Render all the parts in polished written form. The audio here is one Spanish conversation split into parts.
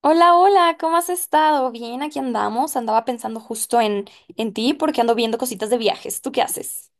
Hola, hola, ¿cómo has estado? Bien, aquí andamos. Andaba pensando justo en ti porque ando viendo cositas de viajes. ¿Tú qué haces?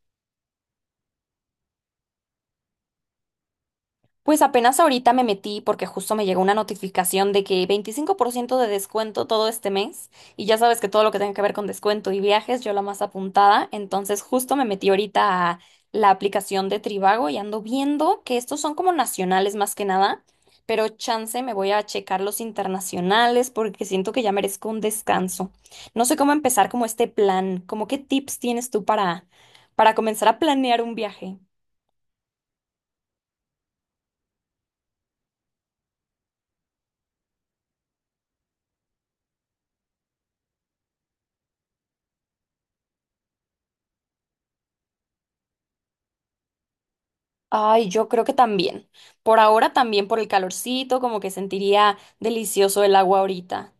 Pues apenas ahorita me metí porque justo me llegó una notificación de que 25% de descuento todo este mes y ya sabes que todo lo que tenga que ver con descuento y viajes, yo la más apuntada, entonces justo me metí ahorita a la aplicación de Trivago y ando viendo que estos son como nacionales más que nada, pero chance me voy a checar los internacionales porque siento que ya merezco un descanso. No sé cómo empezar como este plan, como qué tips tienes tú para comenzar a planear un viaje. Ay, yo creo que también. Por ahora también por el calorcito, como que sentiría delicioso el agua ahorita.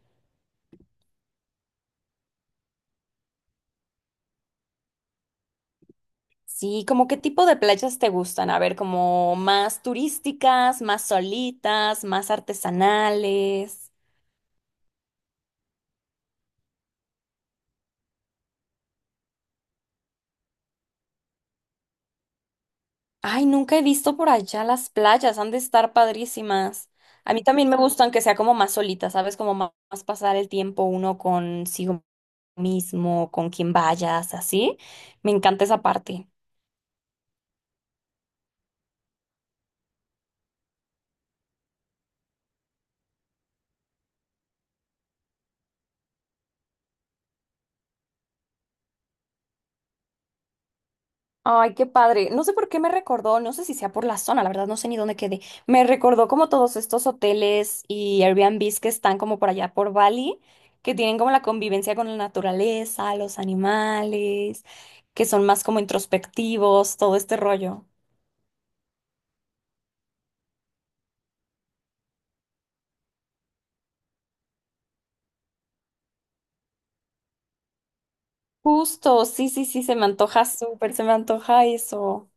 Sí. ¿Como qué tipo de playas te gustan? A ver, como más turísticas, más solitas, más artesanales. Ay, nunca he visto por allá las playas, han de estar padrísimas. A mí también me gustan que sea como más solitas, ¿sabes? Como más pasar el tiempo uno consigo mismo, con quien vayas, así. Me encanta esa parte. Ay, qué padre. No sé por qué me recordó, no sé si sea por la zona, la verdad no sé ni dónde quedé. Me recordó como todos estos hoteles y Airbnbs que están como por allá por Bali, que tienen como la convivencia con la naturaleza, los animales, que son más como introspectivos, todo este rollo. Justo, sí, sí, sí, se me antoja súper, se me antoja eso.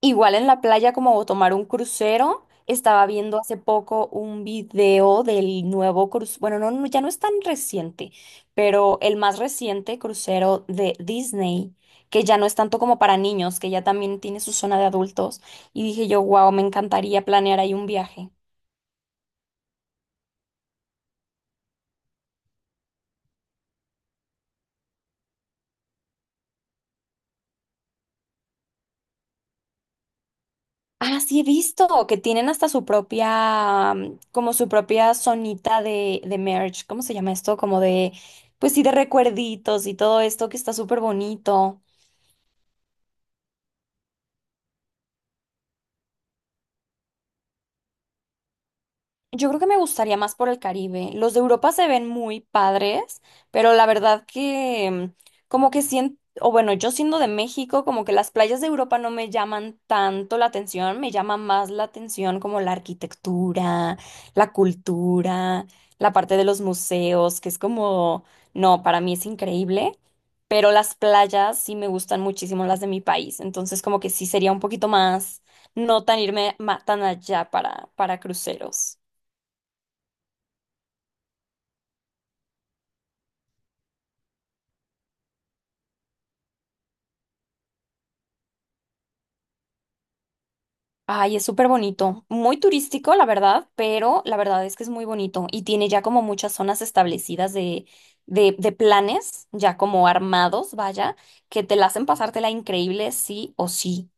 Igual en la playa como tomar un crucero, estaba viendo hace poco un video del nuevo crucero, bueno, no, no, ya no es tan reciente, pero el más reciente crucero de Disney, que ya no es tanto como para niños, que ya también tiene su zona de adultos, y dije yo, wow, me encantaría planear ahí un viaje. Ah, sí he visto que tienen hasta su propia, como su propia zonita de merch. ¿Cómo se llama esto? Como de, pues sí, de recuerditos y todo esto que está súper bonito. Yo creo que me gustaría más por el Caribe. Los de Europa se ven muy padres, pero la verdad que como que siento, o bueno, yo siendo de México, como que las playas de Europa no me llaman tanto la atención, me llama más la atención como la arquitectura, la cultura, la parte de los museos, que es como, no, para mí es increíble, pero las playas sí me gustan muchísimo las de mi país, entonces como que sí sería un poquito más, no tan irme tan allá para cruceros. Ay, es súper bonito, muy turístico, la verdad, pero la verdad es que es muy bonito y tiene ya como muchas zonas establecidas de planes, ya como armados, vaya, que te la hacen pasártela increíble, sí o sí.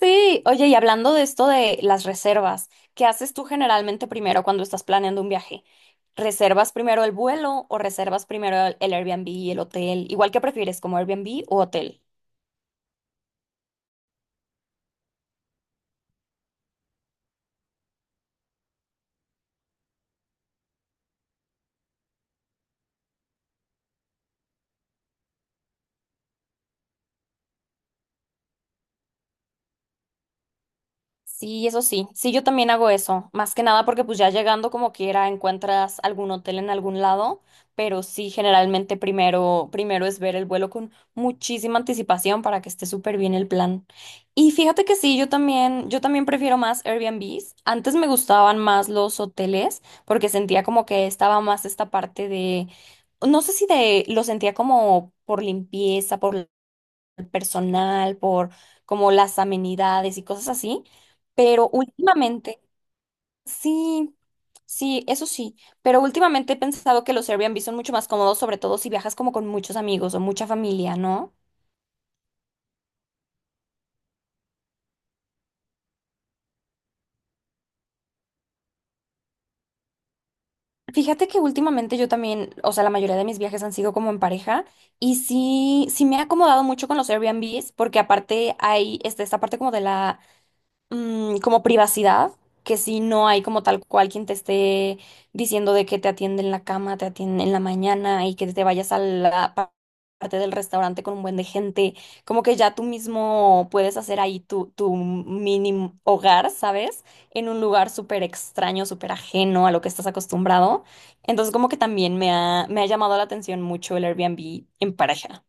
Sí, oye, y hablando de esto de las reservas, ¿qué haces tú generalmente primero cuando estás planeando un viaje? ¿Reservas primero el vuelo o reservas primero el Airbnb y el hotel? Igual que prefieres, como Airbnb o hotel. Sí, eso sí. Sí, yo también hago eso. Más que nada porque pues ya llegando como quiera encuentras algún hotel en algún lado, pero sí generalmente primero es ver el vuelo con muchísima anticipación para que esté súper bien el plan. Y fíjate que sí, yo también prefiero más Airbnbs. Antes me gustaban más los hoteles porque sentía como que estaba más esta parte de no sé si de lo sentía como por limpieza, por personal, por como las amenidades y cosas así, pero últimamente, sí, sí, eso sí, pero últimamente he pensado que los Airbnb son mucho más cómodos, sobre todo si viajas como con muchos amigos o mucha familia, ¿no? Fíjate que últimamente yo también, o sea, la mayoría de mis viajes han sido como en pareja y sí, sí me he acomodado mucho con los Airbnbs porque aparte hay este, esta parte como de la como privacidad, que si no hay como tal cual quien te esté diciendo de que te atiende en la cama, te atiende en la mañana y que te vayas a la parte del restaurante con un buen de gente, como que ya tú mismo puedes hacer ahí tu mini hogar, ¿sabes? En un lugar súper extraño, súper ajeno a lo que estás acostumbrado. Entonces como que también me ha llamado la atención mucho el Airbnb en pareja.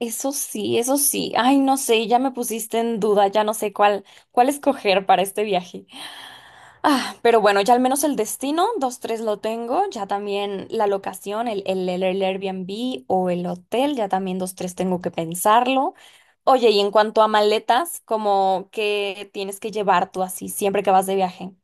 Eso sí, eso sí. Ay, no sé, ya me pusiste en duda, ya no sé cuál escoger para este viaje. Ah, pero bueno, ya al menos el destino, dos, tres lo tengo, ya también la locación, el Airbnb o el hotel, ya también dos, tres tengo que pensarlo. Oye, ¿y en cuanto a maletas, como que tienes que llevar tú así siempre que vas de viaje?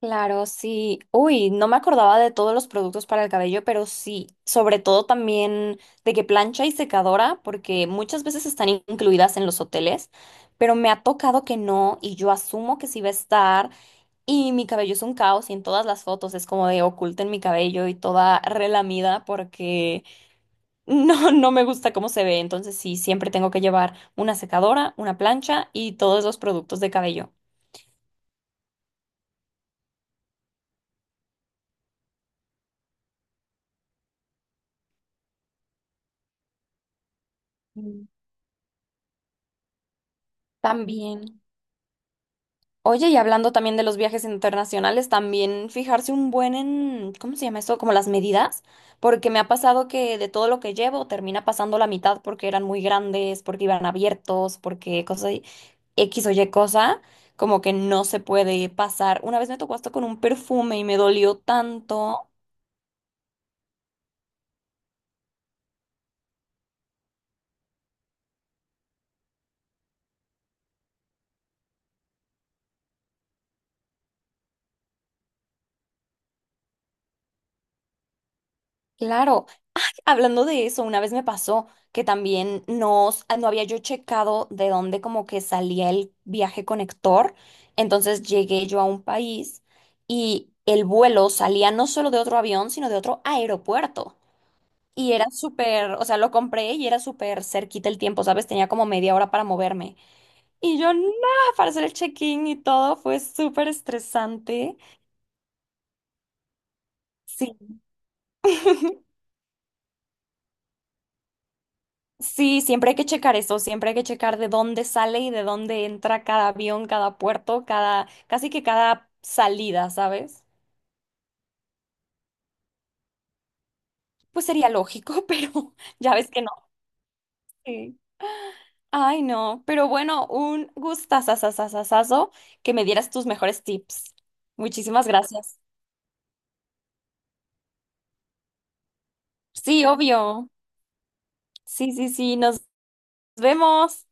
Claro, sí. Uy, no me acordaba de todos los productos para el cabello, pero sí, sobre todo también de que plancha y secadora, porque muchas veces están incluidas en los hoteles, pero me ha tocado que no y yo asumo que sí va a estar y mi cabello es un caos y en todas las fotos es como de oculten mi cabello y toda relamida porque no, no me gusta cómo se ve, entonces sí, siempre tengo que llevar una secadora, una plancha y todos los productos de cabello. Mm. También. Oye, y hablando también de los viajes internacionales, también fijarse un buen en, ¿cómo se llama eso? Como las medidas, porque me ha pasado que de todo lo que llevo termina pasando la mitad porque eran muy grandes, porque iban abiertos, porque cosa, X o Y cosa, como que no se puede pasar. Una vez me tocó hasta con un perfume y me dolió tanto. Claro. Hablando de eso, una vez me pasó que también no había yo checado de dónde como que salía el viaje conector. Entonces llegué yo a un país y el vuelo salía no solo de otro avión, sino de otro aeropuerto. Y era súper, o sea, lo compré y era súper cerquita el tiempo, ¿sabes? Tenía como media hora para moverme. Y yo, nada, para hacer el check-in y todo, fue súper estresante. Sí. Sí, siempre hay que checar eso, siempre hay que checar de dónde sale y de dónde entra cada avión, cada puerto, cada, casi que cada salida, ¿sabes? Pues sería lógico, pero ya ves que no. Sí. Ay, no, pero bueno, un gustazazazazazazo que me dieras tus mejores tips. Muchísimas gracias. Sí, obvio. Sí, sí, sí, nos vemos.